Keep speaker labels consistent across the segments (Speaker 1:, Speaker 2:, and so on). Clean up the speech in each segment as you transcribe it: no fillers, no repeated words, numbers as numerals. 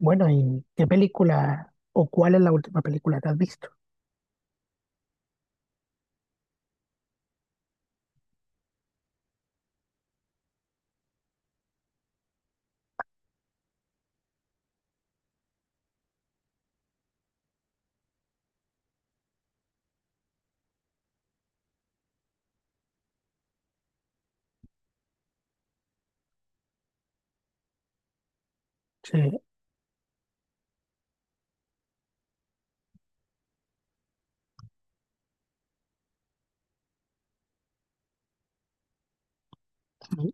Speaker 1: Bueno, ¿y qué película o cuál es la última película que has visto? Sí, sí,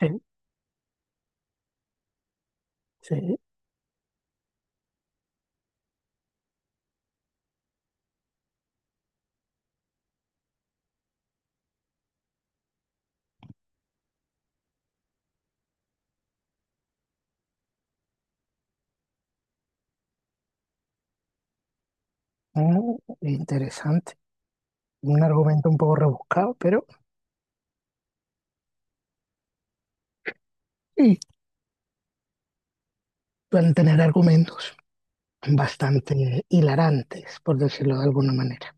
Speaker 1: sí, sí. Ah, interesante. Un argumento un poco rebuscado, pero sí, pueden tener argumentos bastante hilarantes, por decirlo de alguna manera.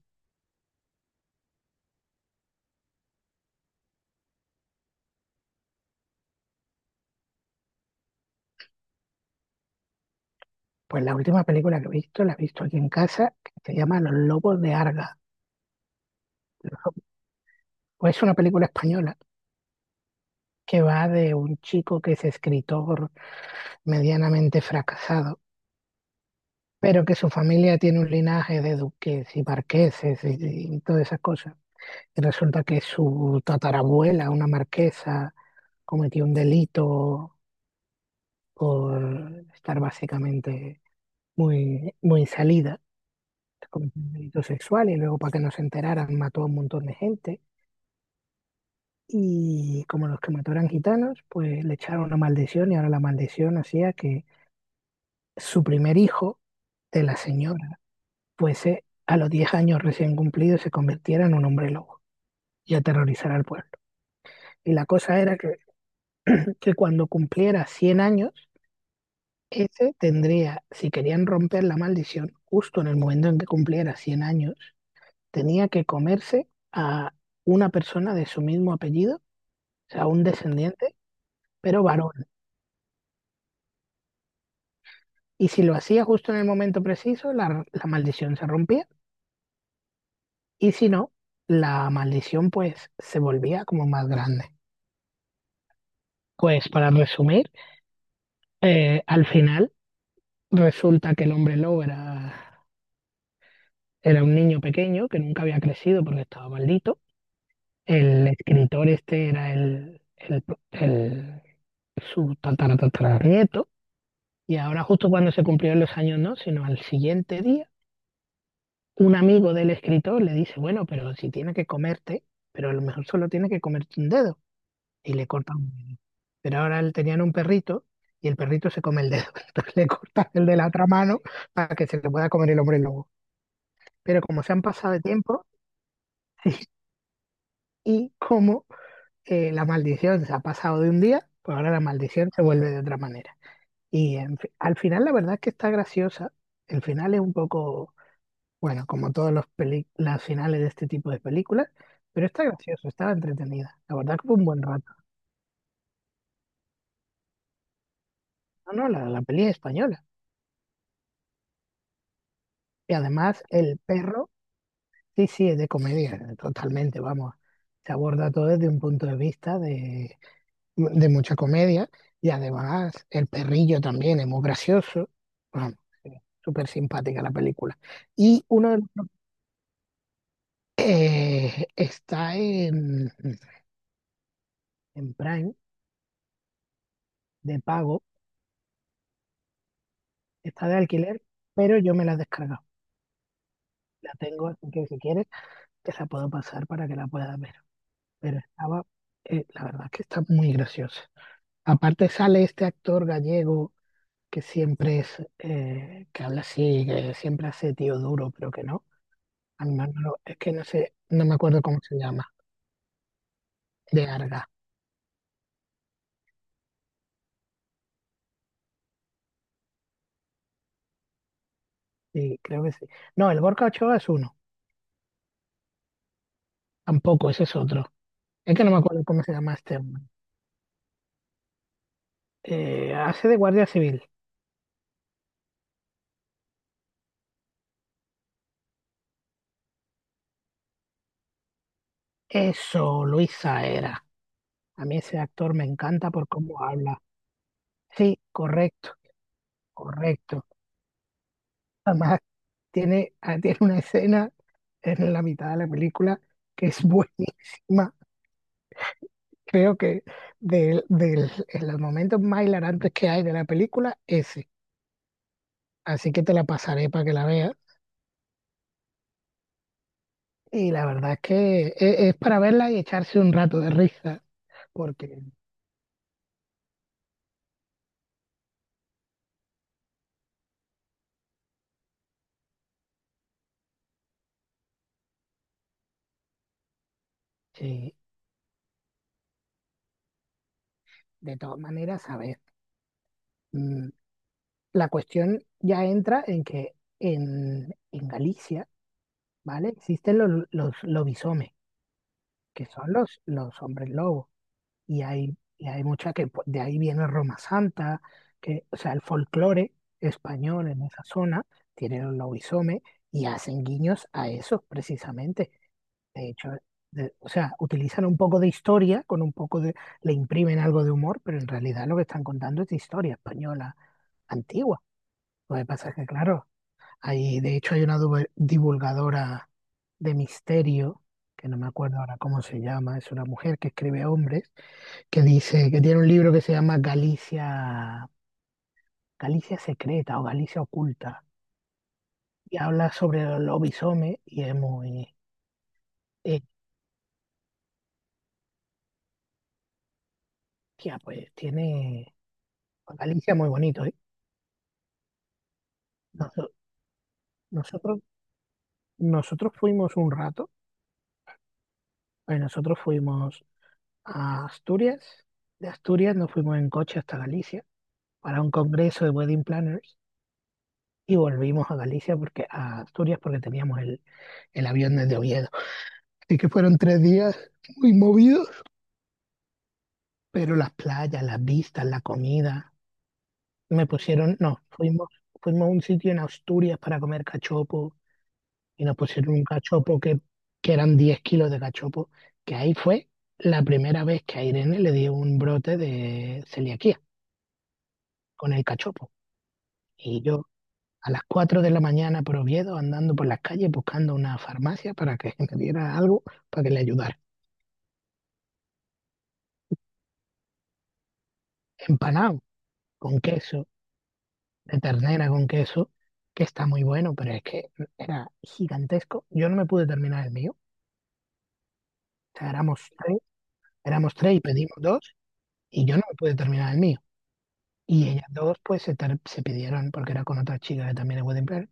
Speaker 1: Pues la última película que he visto, la he visto aquí en casa, que se llama Los Lobos de Arga. Pues es una película española que va de un chico que es escritor medianamente fracasado pero que su familia tiene un linaje de duques y marqueses y todas esas cosas. Y resulta que su tatarabuela, una marquesa, cometió un delito por estar básicamente muy, muy salida, cometió un delito sexual y luego para que no se enteraran mató a un montón de gente. Y como los que mató eran gitanos, pues le echaron una maldición y ahora la maldición hacía que su primer hijo de la señora fuese a los 10 años recién cumplidos se convirtiera en un hombre lobo y aterrorizara al pueblo. Y la cosa era que cuando cumpliera 100 años, ese tendría, si querían romper la maldición, justo en el momento en que cumpliera 100 años, tenía que comerse a una persona de su mismo apellido, o sea, un descendiente, pero varón. Y si lo hacía justo en el momento preciso, la maldición se rompía. Y si no, la maldición pues se volvía como más grande. Pues para resumir, al final resulta que el hombre lobo era un niño pequeño que nunca había crecido porque estaba maldito. El escritor este era el su tatara, tatara. Y ahora justo cuando se cumplieron los años, no, sino al siguiente día, un amigo del escritor le dice, bueno, pero si tiene que comerte, pero a lo mejor solo tiene que comerte un dedo. Y le corta un dedo. Pero ahora él tenía un perrito y el perrito se come el dedo. Entonces le corta el de la otra mano para que se le pueda comer el hombre lobo, pero como se han pasado de tiempo y como la maldición se ha pasado de un día, pues ahora la maldición se vuelve de otra manera. Al final la verdad es que está graciosa. El final es un poco, bueno, como todos los las finales de este tipo de películas, pero está gracioso, está entretenida. La verdad que fue un buen rato. No, no, la peli es española. Y además el perro, sí, sí, es de comedia, totalmente, vamos. Se aborda todo desde un punto de vista de mucha comedia y además el perrillo también es muy gracioso. Vamos, es súper simpática la película. Y uno de los- Está en Prime de pago, está de alquiler, pero yo me la he descargado. La tengo, así que si quieres te la puedo pasar para que la puedas ver. Pero estaba, la verdad es que está muy graciosa. Aparte sale este actor gallego que siempre es, que habla así, que siempre hace tío duro, pero que no. Al Manolo, es que no sé, no me acuerdo cómo se llama, de Arga, sí, creo que sí. No, el Gorka Ochoa es uno, tampoco, ese es otro. Es que no me acuerdo cómo se llama este hombre. Hace de guardia civil. Eso, Luis Saera. A mí ese actor me encanta por cómo habla. Sí, correcto, correcto. Además, tiene, tiene una escena en la mitad de la película que es buenísima. Creo que en los momentos más hilarantes que hay de la película, ese. Así que te la pasaré para que la veas. Y la verdad es que es, para verla y echarse un rato de risa, porque sí, de todas maneras, a ver, mm, la cuestión ya entra en que en Galicia, ¿vale? Existen los lobisomes, que son los hombres lobos, y hay mucha que pues, de ahí viene Roma Santa, que, o sea, el folclore español en esa zona tiene los lobisomes y hacen guiños a esos precisamente. De hecho, o sea, utilizan un poco de historia, con un poco de, le imprimen algo de humor, pero en realidad lo que están contando es de historia española antigua. Lo que pasa es que, claro, hay, de hecho hay una divulgadora de misterio, que no me acuerdo ahora cómo se llama, es una mujer que escribe a hombres, que dice que tiene un libro que se llama Galicia, Galicia Secreta o Galicia Oculta, y habla sobre los lobisomes y es muy, eh, tía, pues tiene pues Galicia muy bonito, ¿eh? Noso- Nosotros, nosotros fuimos un rato, nosotros fuimos a Asturias, de Asturias nos fuimos en coche hasta Galicia para un congreso de wedding planners y volvimos a Galicia porque a Asturias porque teníamos el avión desde Oviedo. Así que fueron 3 días muy movidos, pero las playas, las vistas, la comida, me pusieron, no, fuimos a un sitio en Asturias para comer cachopo y nos pusieron un cachopo que eran 10 kilos de cachopo, que ahí fue la primera vez que a Irene le dio un brote de celiaquía con el cachopo. Y yo a las 4 de la mañana por Oviedo andando por las calles buscando una farmacia para que me diera algo para que le ayudara. Empanado con queso, de ternera con queso, que está muy bueno, pero es que era gigantesco. Yo no me pude terminar el mío. O sea, éramos tres y pedimos dos y yo no me pude terminar el mío. Y ellas dos, pues, se pidieron, porque era con otra chica que también es wedding planner,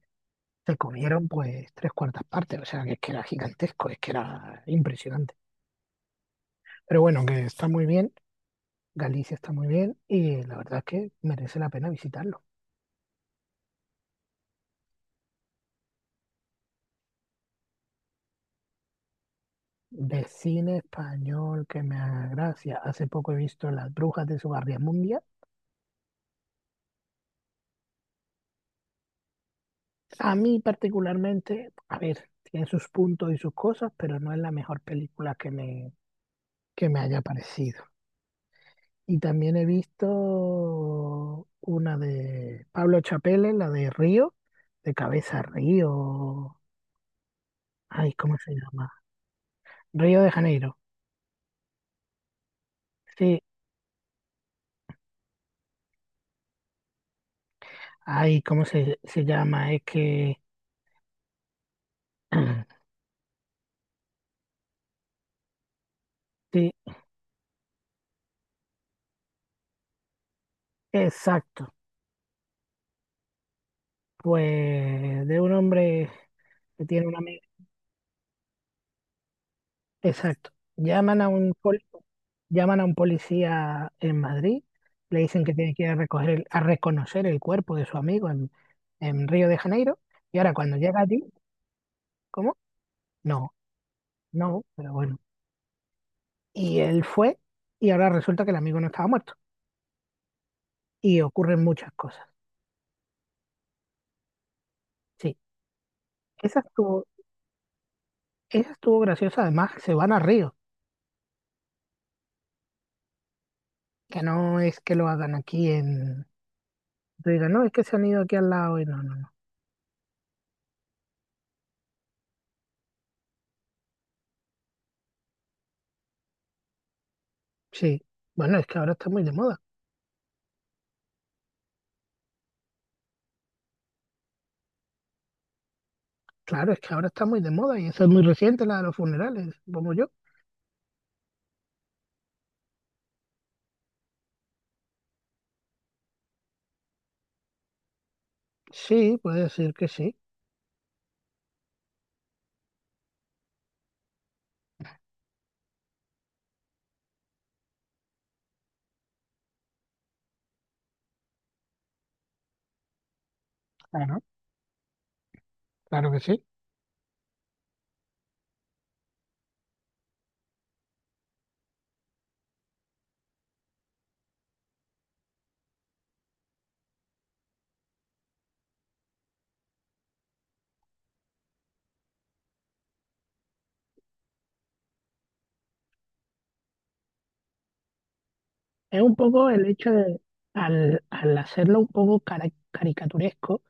Speaker 1: se comieron, pues, tres cuartas partes. O sea, que es que era gigantesco, es que era impresionante. Pero bueno, que está muy bien, Galicia está muy bien, y la verdad es que merece la pena visitarlo. De cine español que me haga gracia. Hace poco he visto Las Brujas de Mundial. A mí particularmente, a ver, tiene sus puntos y sus cosas, pero no es la mejor película que me haya parecido. Y también he visto una de Pablo Chapelle, la de Río, de Cabeza Río. Ay, ¿cómo se llama? Río de Janeiro. Sí, ay, ¿cómo se llama? Es que. Sí, exacto. Pues de un hombre que tiene una. Exacto. Llaman a un, pol- llaman a un policía en Madrid, le dicen que tiene que ir a, a reconocer el cuerpo de su amigo en, Río de Janeiro, y ahora cuando llega allí. ¿Cómo? No, no, pero bueno. Y él fue y ahora resulta que el amigo no estaba muerto. Y ocurren muchas cosas. Sí, esa estuvo, esa estuvo graciosa. Además, se van a Río, que no es que lo hagan aquí en... Te digan, no, es que se han ido aquí al lado y no, no, no. Sí, bueno, es que ahora está muy de moda. Claro, es que ahora está muy de moda y eso es muy reciente, la de los funerales, como yo. Sí, puede decir que sí. Claro, claro que sí. Es un poco el hecho de, al hacerlo un poco caricaturesco,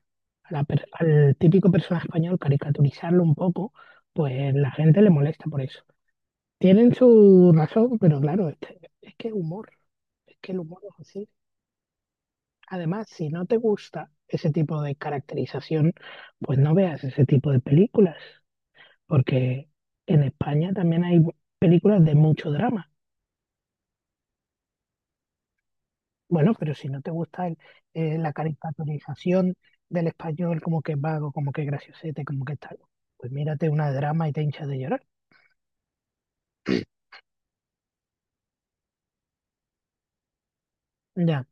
Speaker 1: a al típico personaje español, caricaturizarlo un poco, pues la gente le molesta por eso. Tienen su razón, pero claro, es que humor, es que el humor es así. Además, si no te gusta ese tipo de caracterización, pues no veas ese tipo de películas, porque en España también hay películas de mucho drama. Bueno, pero si no te gusta la caricaturización del español como que es vago, como que es graciosete, como que es tal, pues mírate una drama y te hinchas de llorar. Ya.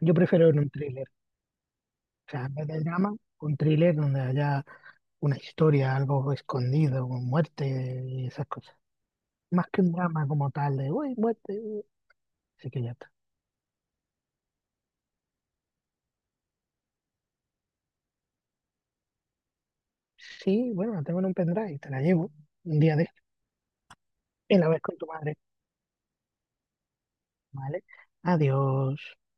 Speaker 1: Yo prefiero ver un thriller, o sea, en vez de drama, un thriller donde haya una historia, algo escondido, con muerte y esas cosas. Más que un drama como tal de, uy, muerte, uy". Así que ya está. Sí, bueno, la tengo en un pendrive, te la llevo un día de esto y la ves con tu madre, ¿vale? Adiós.